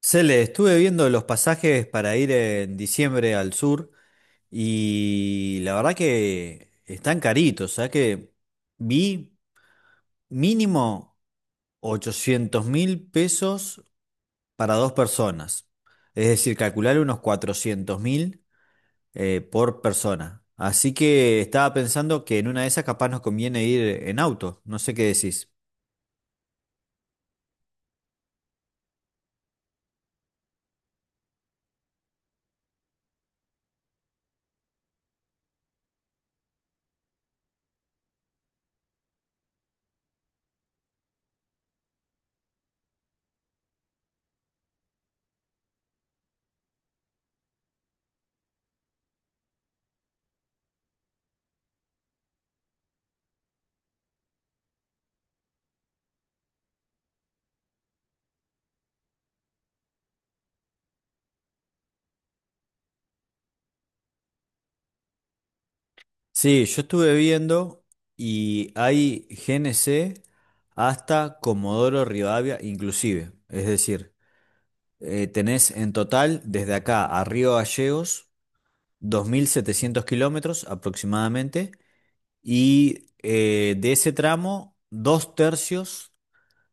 Cele, estuve viendo los pasajes para ir en diciembre al sur y la verdad que están caritos, o sea que vi mínimo 800 mil pesos para dos personas, es decir, calcular unos 400 mil por persona. Así que estaba pensando que en una de esas capaz nos conviene ir en auto, no sé qué decís. Sí, yo estuve viendo y hay GNC hasta Comodoro Rivadavia inclusive. Es decir, tenés en total desde acá a Río Gallegos 2700 kilómetros aproximadamente y de ese tramo dos tercios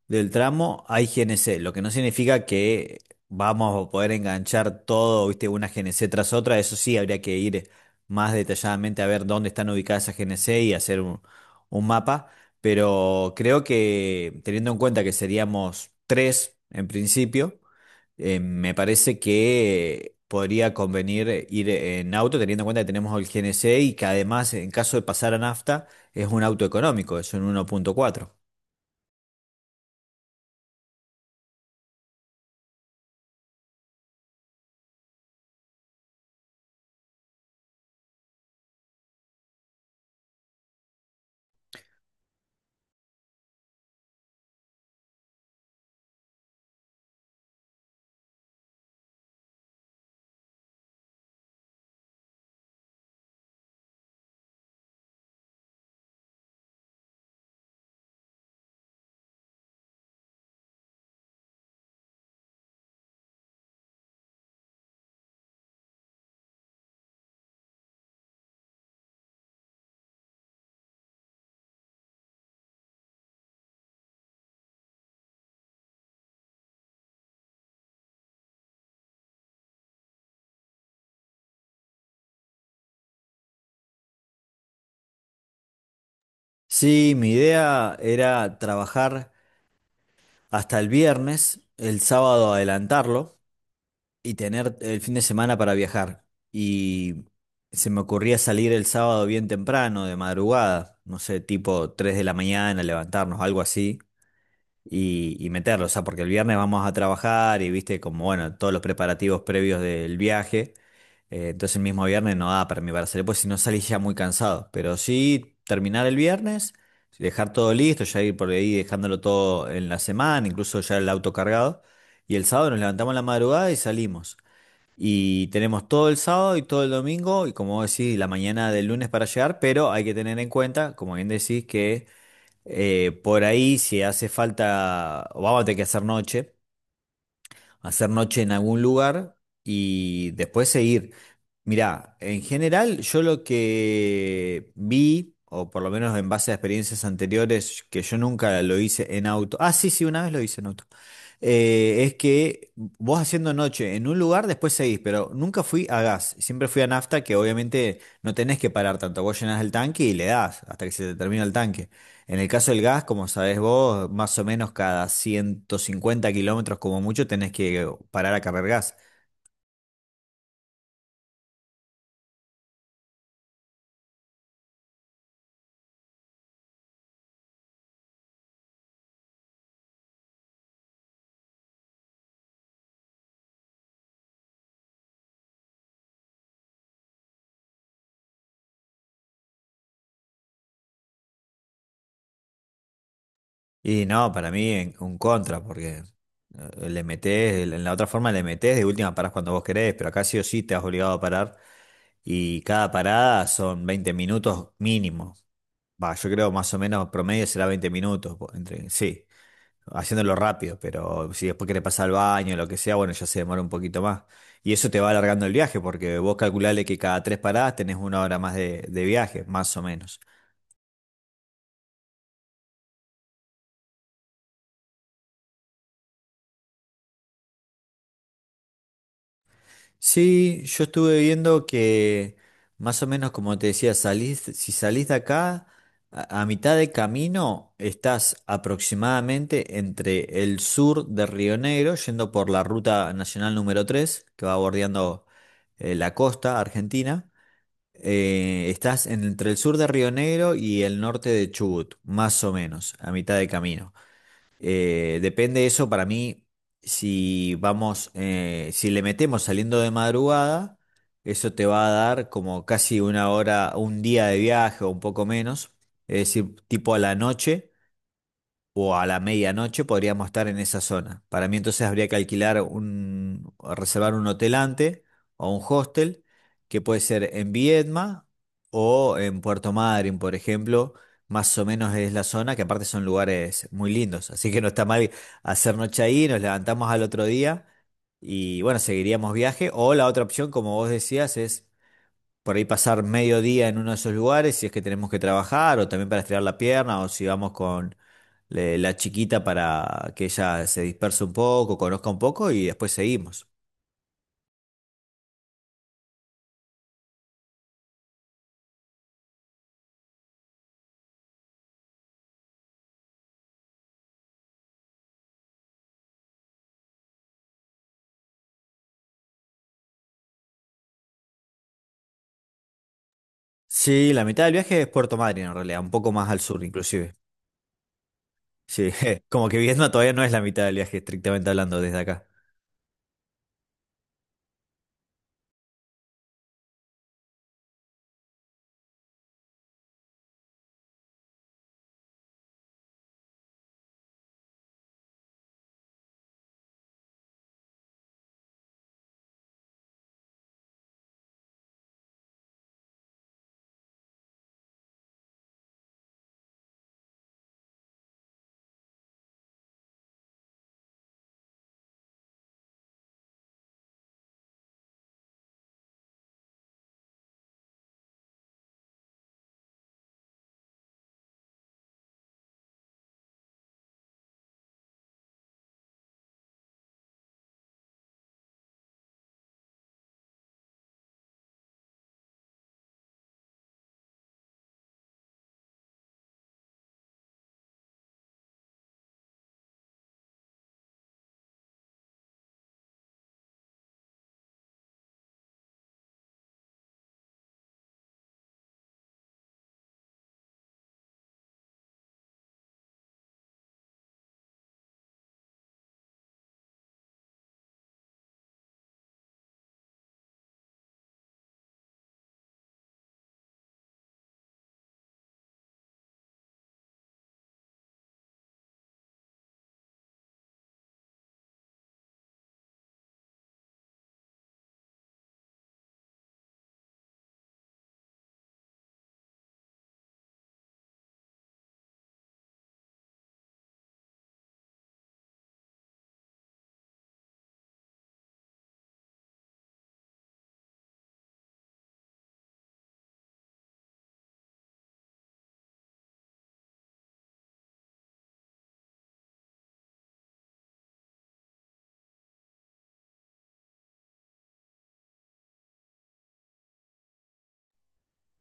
del tramo hay GNC, lo que no significa que vamos a poder enganchar todo, viste, una GNC tras otra. Eso sí, habría que ir más detalladamente a ver dónde están ubicadas esas GNC y hacer un mapa. Pero creo que teniendo en cuenta que seríamos tres en principio, me parece que podría convenir ir en auto, teniendo en cuenta que tenemos el GNC y que además, en caso de pasar a nafta, es un auto económico, es un 1.4. Sí, mi idea era trabajar hasta el viernes, el sábado adelantarlo y tener el fin de semana para viajar. Y se me ocurría salir el sábado bien temprano, de madrugada, no sé, tipo 3 de la mañana, levantarnos, algo así y meterlo, o sea, porque el viernes vamos a trabajar y viste como, bueno, todos los preparativos previos del viaje, entonces el mismo viernes no da para mí para salir, pues si no salís ya muy cansado, pero sí terminar el viernes, dejar todo listo, ya ir por ahí dejándolo todo en la semana, incluso ya el auto cargado, y el sábado nos levantamos a la madrugada y salimos. Y tenemos todo el sábado y todo el domingo, y como vos decís, la mañana del lunes para llegar, pero hay que tener en cuenta, como bien decís, que por ahí, si hace falta, o vamos a tener que hacer noche en algún lugar y después seguir. Mirá, en general, yo lo que vi, o por lo menos en base a experiencias anteriores, que yo nunca lo hice en auto. Ah, sí, sí, una vez lo hice en auto es que vos haciendo noche en un lugar, después seguís, pero nunca fui a gas, siempre fui a nafta, que obviamente no tenés que parar tanto, vos llenás el tanque y le das hasta que se te termina el tanque. En el caso del gas, como sabés vos, más o menos cada 150 kilómetros como mucho tenés que parar a cargar gas. Y no, para mí un contra, porque le metés, en la otra forma le metés, de última parás cuando vos querés, pero acá sí o sí te has obligado a parar y cada parada son 20 minutos mínimo. Va, yo creo más o menos promedio será 20 minutos, entre, sí, haciéndolo rápido, pero si después querés pasar al baño lo que sea, bueno, ya se demora un poquito más. Y eso te va alargando el viaje, porque vos calculale que cada tres paradas tenés 1 hora más de viaje, más o menos. Sí, yo estuve viendo que más o menos como te decía, salís, si salís de acá, a mitad de camino estás aproximadamente entre el sur de Río Negro, yendo por la ruta nacional número 3 que va bordeando la costa argentina. Estás entre el sur de Río Negro y el norte de Chubut, más o menos, a mitad de camino. Depende de eso para mí, si vamos, si le metemos saliendo de madrugada, eso te va a dar como casi una hora, un día de viaje o un poco menos, es decir, tipo a la noche o a la medianoche podríamos estar en esa zona. Para mí entonces habría que alquilar un, reservar un hotel antes o un hostel, que puede ser en Viedma o en Puerto Madryn, por ejemplo. Más o menos es la zona, que aparte son lugares muy lindos. Así que no está mal hacer noche ahí, nos levantamos al otro día y bueno, seguiríamos viaje. O la otra opción, como vos decías, es por ahí pasar medio día en uno de esos lugares, si es que tenemos que trabajar, o también para estirar la pierna, o si vamos con la chiquita para que ella se disperse un poco, conozca un poco y después seguimos. Sí, la mitad del viaje es Puerto Madryn en realidad, un poco más al sur inclusive. Sí, como que Vietnam todavía no es la mitad del viaje, estrictamente hablando, desde acá.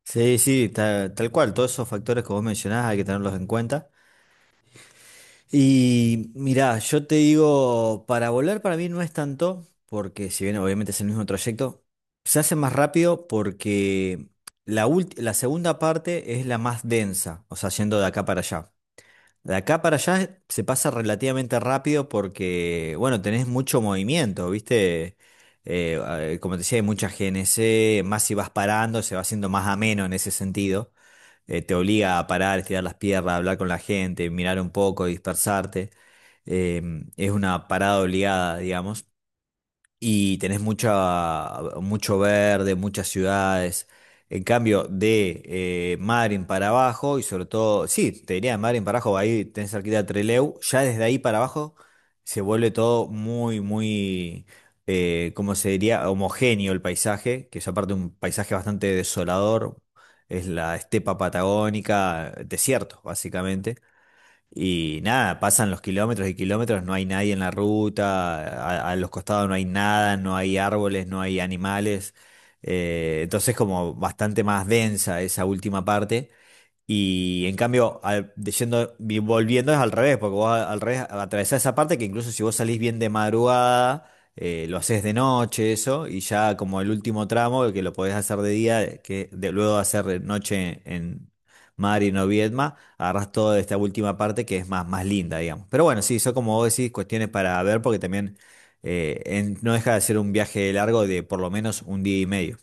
Sí, sí, tal, cual, todos esos factores que vos mencionás hay que tenerlos en cuenta. Y mirá, yo te digo, para volar para mí no es tanto, porque si bien obviamente es el mismo trayecto, se hace más rápido porque la segunda parte es la más densa, o sea, yendo de acá para allá. De acá para allá se pasa relativamente rápido porque, bueno, tenés mucho movimiento, ¿viste? Eh, como te decía, hay mucha GNC, más si vas parando, se va haciendo más ameno en ese sentido te obliga a parar, estirar las piernas, hablar con la gente, mirar un poco, dispersarte. Eh, es una parada obligada, digamos y tenés mucha, mucho verde, muchas ciudades. En cambio, de Madryn para abajo, y sobre todo, sí, te diría de Madryn para abajo, ahí tenés cerquita de Trelew, ya desde ahí para abajo se vuelve todo muy, muy, ¿cómo se diría? Homogéneo el paisaje, que es aparte un paisaje bastante desolador, es la estepa patagónica, desierto, básicamente. Y nada, pasan los kilómetros y kilómetros, no hay nadie en la ruta, a los costados no hay nada, no hay árboles, no hay animales. Entonces como bastante más densa esa última parte. Y en cambio, yendo, volviendo es al revés, porque vos al revés atravesás esa parte que incluso si vos salís bien de madrugada, lo haces de noche, eso, y ya como el último tramo, que lo podés hacer de día, que de, luego de hacer de noche en Mari o Viedma, agarrás toda esta última parte que es más, más linda, digamos. Pero bueno, sí, son como vos decís, cuestiones para ver, porque también no deja de ser un viaje largo de por lo menos un día y medio.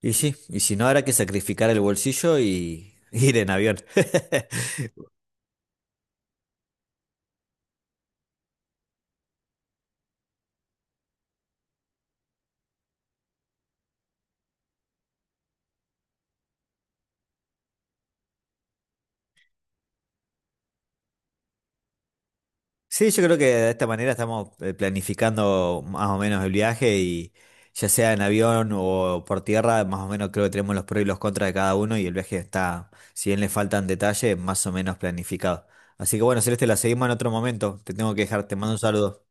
Y sí, y si no, habrá que sacrificar el bolsillo y ir en avión. Sí, yo creo que de esta manera estamos planificando más o menos el viaje y ya sea en avión o por tierra, más o menos creo que tenemos los pros y los contras de cada uno y el viaje está, si bien le faltan detalles, más o menos planificado. Así que bueno, Celeste, la seguimos en otro momento. Te tengo que dejar, te mando un saludo.